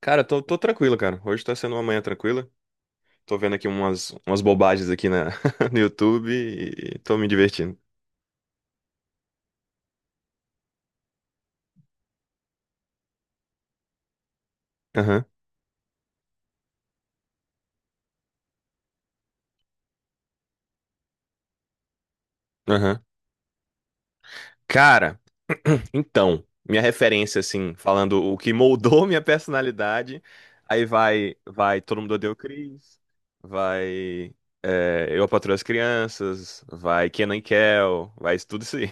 Cara, tô tranquilo, cara. Hoje tá sendo uma manhã tranquila. Tô vendo aqui umas bobagens aqui no YouTube e tô me divertindo. Aham, aham. Cara, então, minha referência, assim, falando o que moldou minha personalidade, aí vai, vai, todo mundo odeia o Chris, vai, é, Eu, a Patroa e as Crianças, vai Kenan e Kel, vai isso tudo isso aí.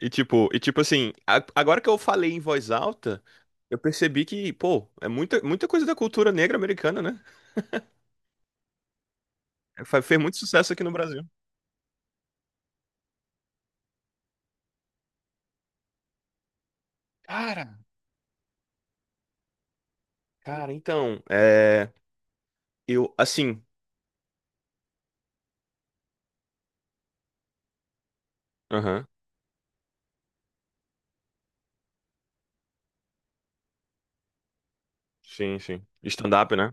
E tipo assim, agora que eu falei em voz alta, eu percebi que, pô, é muita, muita coisa da cultura negra americana, né? Fez muito sucesso aqui no Brasil. Cara, cara, então, é, eu, assim, aham, sim, sim, stand-up, né?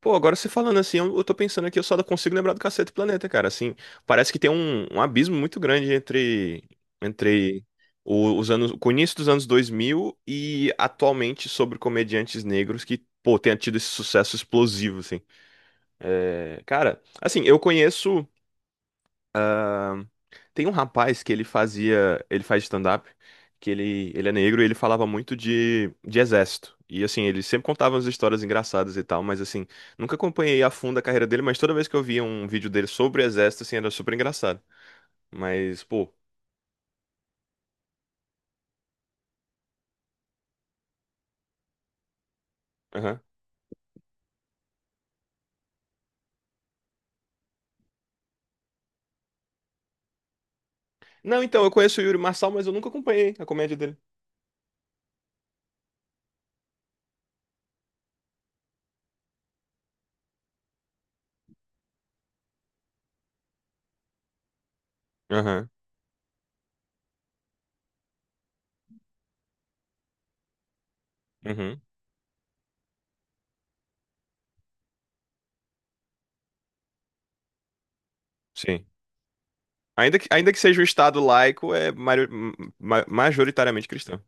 Pô, agora você falando assim, eu tô pensando aqui, eu só consigo lembrar do Cacete Planeta, cara, assim, parece que tem um abismo muito grande entre os anos, com o início dos anos 2000 e atualmente sobre comediantes negros que, pô, tenha tido esse sucesso explosivo, assim. É, cara, assim, eu conheço. Tem um rapaz que ele fazia, ele faz stand-up, que ele é negro e ele falava muito de exército. E assim, ele sempre contava umas histórias engraçadas e tal, mas assim, nunca acompanhei a fundo a carreira dele, mas toda vez que eu via um vídeo dele sobre o exército, assim, era super engraçado. Mas, pô, aham. Não, então, eu conheço o Yuri Marçal, mas eu nunca acompanhei a comédia dele. Aham, uhum, sim. Ainda que seja um estado laico, é majoritariamente cristão.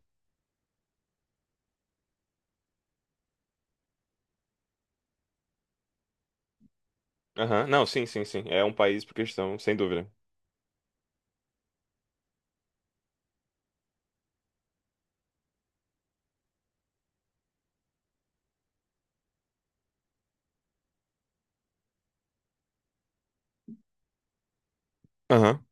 Aham, não, sim, sim, sim. É um país pro cristão, sem dúvida. Aham,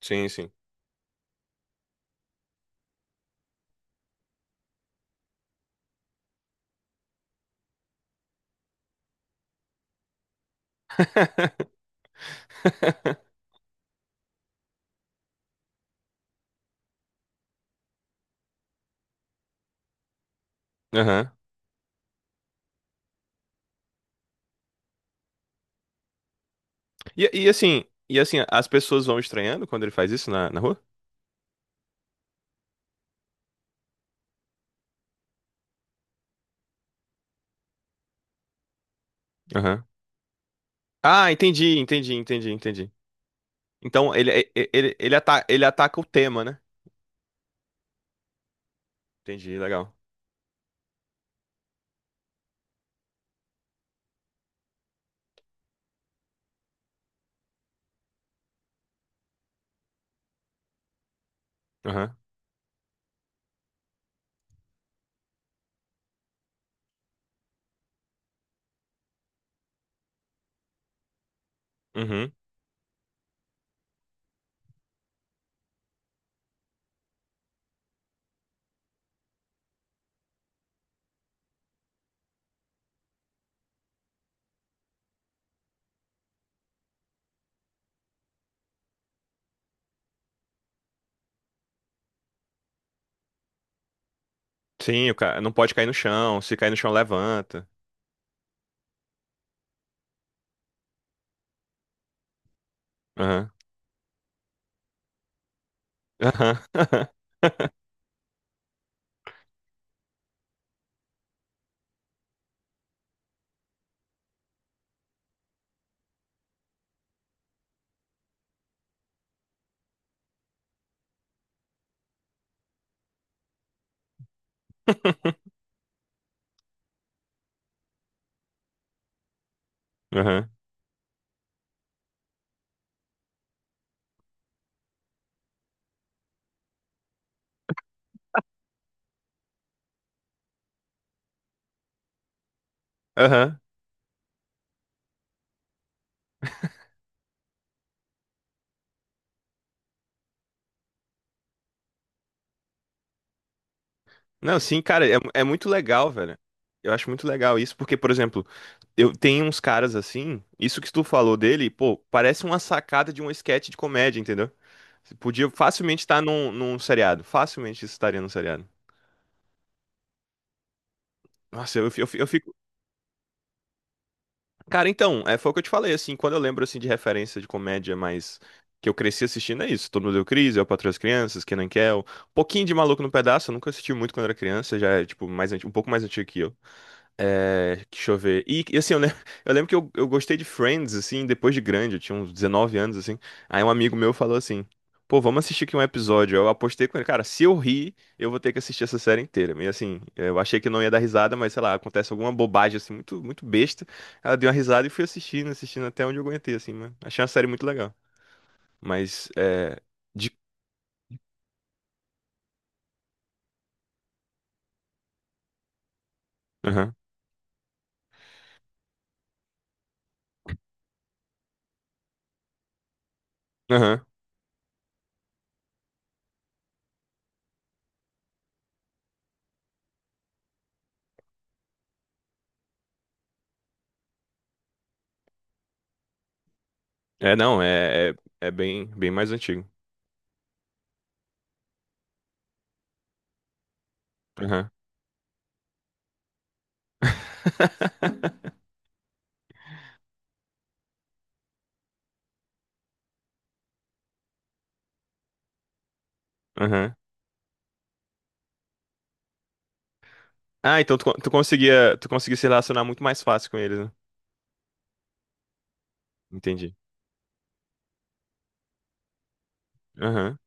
sim, sim. Aham. E, e assim, e assim, as pessoas vão estranhando quando ele faz isso na, na rua? Aham. Ah, entendi, entendi, entendi, entendi. Então ele ataca o tema, né? Entendi, legal. Aham. Uhum. Sim, o cara não pode cair no chão, se cair no chão, levanta. Aham. Aham. Aham. Aham. Não, sim, cara, é, é muito legal, velho. Eu acho muito legal isso, porque, por exemplo, eu tenho uns caras assim, isso que tu falou dele, pô, parece uma sacada de um esquete de comédia, entendeu? Você podia facilmente estar num, num seriado, facilmente isso estaria num seriado. Nossa, eu fico. Cara, então, é, foi o que eu te falei, assim, quando eu lembro assim de referência de comédia mais que eu cresci assistindo, é isso. Todo mundo deu crise, Eu, Patroa e as Crianças, Kenan e Kel, um pouquinho de Maluco no Pedaço, eu nunca assisti muito quando era criança, já é, tipo, mais, um pouco mais antigo que eu. É, deixa eu ver. E, assim, eu lembro, eu lembro que eu gostei de Friends, assim, depois de grande, eu tinha uns 19 anos, assim. Aí um amigo meu falou assim: pô, vamos assistir aqui um episódio. Eu apostei com ele, cara, se eu rir, eu vou ter que assistir essa série inteira. E assim, eu achei que não ia dar risada, mas sei lá, acontece alguma bobagem, assim, muito, muito besta. Ela deu uma risada e fui assistindo, assistindo até onde eu aguentei, assim, mas achei uma série muito legal. Mas, é. De... Aham, aham. É, não, é, é, é bem, bem mais antigo. Aham. Aham. Ah, então tu, tu conseguia se relacionar muito mais fácil com eles, né? Entendi. Aham.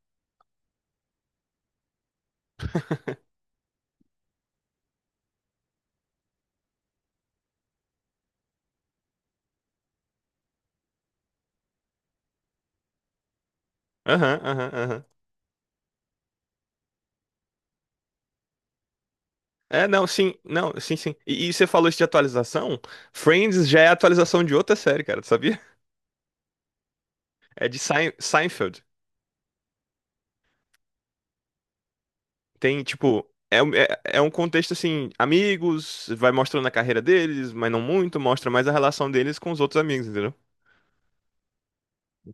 Aham, aham, aham. É, não, sim, não, sim, sim. E você falou isso de atualização? Friends já é atualização de outra série, cara, tu sabia? É de Seinfeld. Tem, tipo, é, um- é, é um contexto assim, amigos, vai mostrando a carreira deles, mas não muito, mostra mais a relação deles com os outros amigos, entendeu?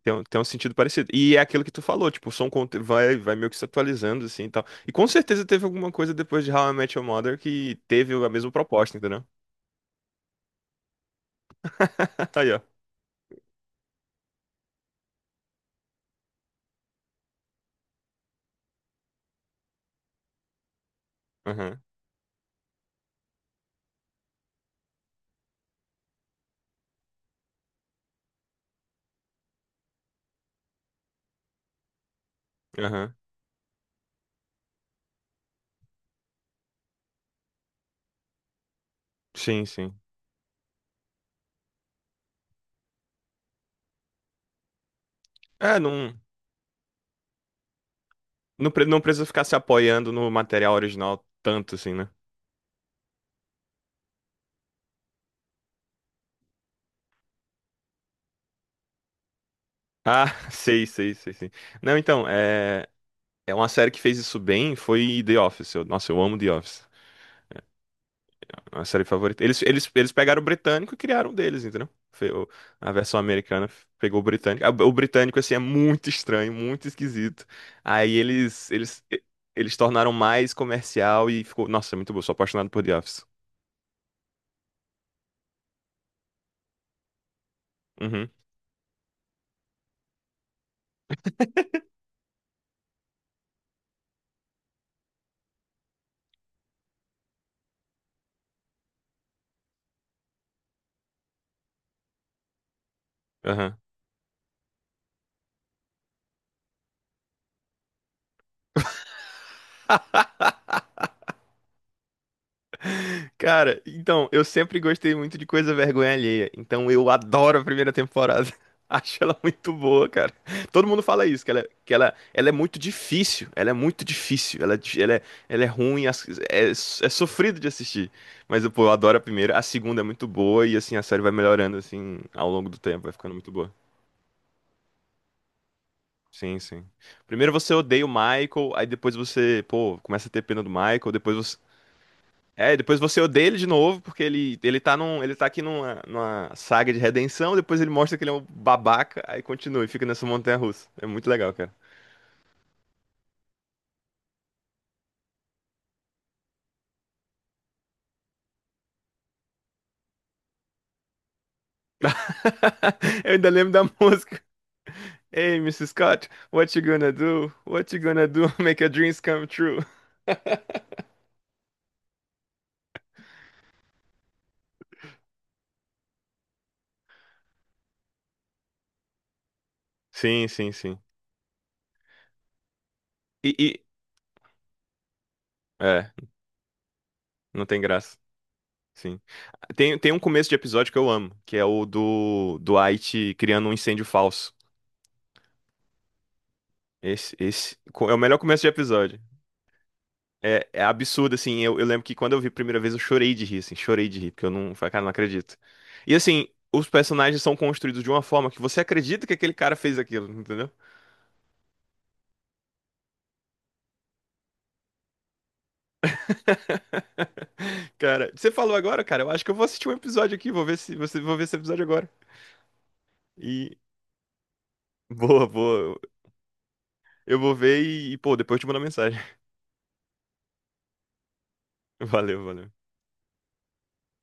Tem um sentido parecido. E é aquilo que tu falou, tipo, vai, meio que se atualizando, assim, e tal. E com certeza teve alguma coisa depois de How I Met Your Mother que teve a mesma proposta, entendeu? Aí, ó. Aham, aham. Sim, sim. É, não, não, não precisa ficar se apoiando no material original tanto, assim, né? Ah, sei, sei, sei, sei. Não, então, é, é uma série que fez isso bem, foi The Office. Nossa, eu amo The Office. A série favorita. Eles pegaram o britânico e criaram um deles, entendeu? A versão americana pegou o britânico. Ah, o britânico, assim, é muito estranho, muito esquisito. Aí eles tornaram mais comercial e ficou. Nossa, é muito bom. Sou apaixonado por The Office. Uhum. Aham. Cara, então, eu sempre gostei muito de coisa vergonha alheia. Então eu adoro a primeira temporada. Acho ela muito boa, cara. Todo mundo fala isso, que ela é muito difícil. Ela é muito difícil. Ela, ela é ruim, as- é, é sofrido de assistir. Mas, pô, eu adoro a primeira. A segunda é muito boa e, assim, a série vai melhorando, assim, ao longo do tempo. Vai ficando muito boa. Sim, sim. Primeiro você odeia o Michael, aí depois você, pô, começa a ter pena do Michael, depois você, é, e depois você odeia ele de novo, porque ele tá num, ele tá aqui numa, numa saga de redenção, depois ele mostra que ele é um babaca, aí continua e fica nessa montanha russa. É muito legal, cara. Eu ainda lembro da música. Hey, Mrs. Scott, what you gonna do? What you gonna do? Make your dreams come true. Sim, sim, sim. E, e- é, não tem graça. Sim. Tem um começo de episódio que eu amo, que é o do Dwight criando um incêndio falso. Esse é o melhor começo de episódio. É, é absurdo, assim. Eu lembro que quando eu vi a primeira vez, eu chorei de rir, assim. Chorei de rir, porque eu não. Falei, cara, não acredito. E assim, os personagens são construídos de uma forma que você acredita que aquele cara fez aquilo, entendeu? Cara, você falou agora, cara. Eu acho que eu vou assistir um episódio aqui. Vou ver se você vou ver esse episódio agora. E boa, boa. Eu vou ver e, pô, depois eu te mando uma mensagem. Valeu, valeu.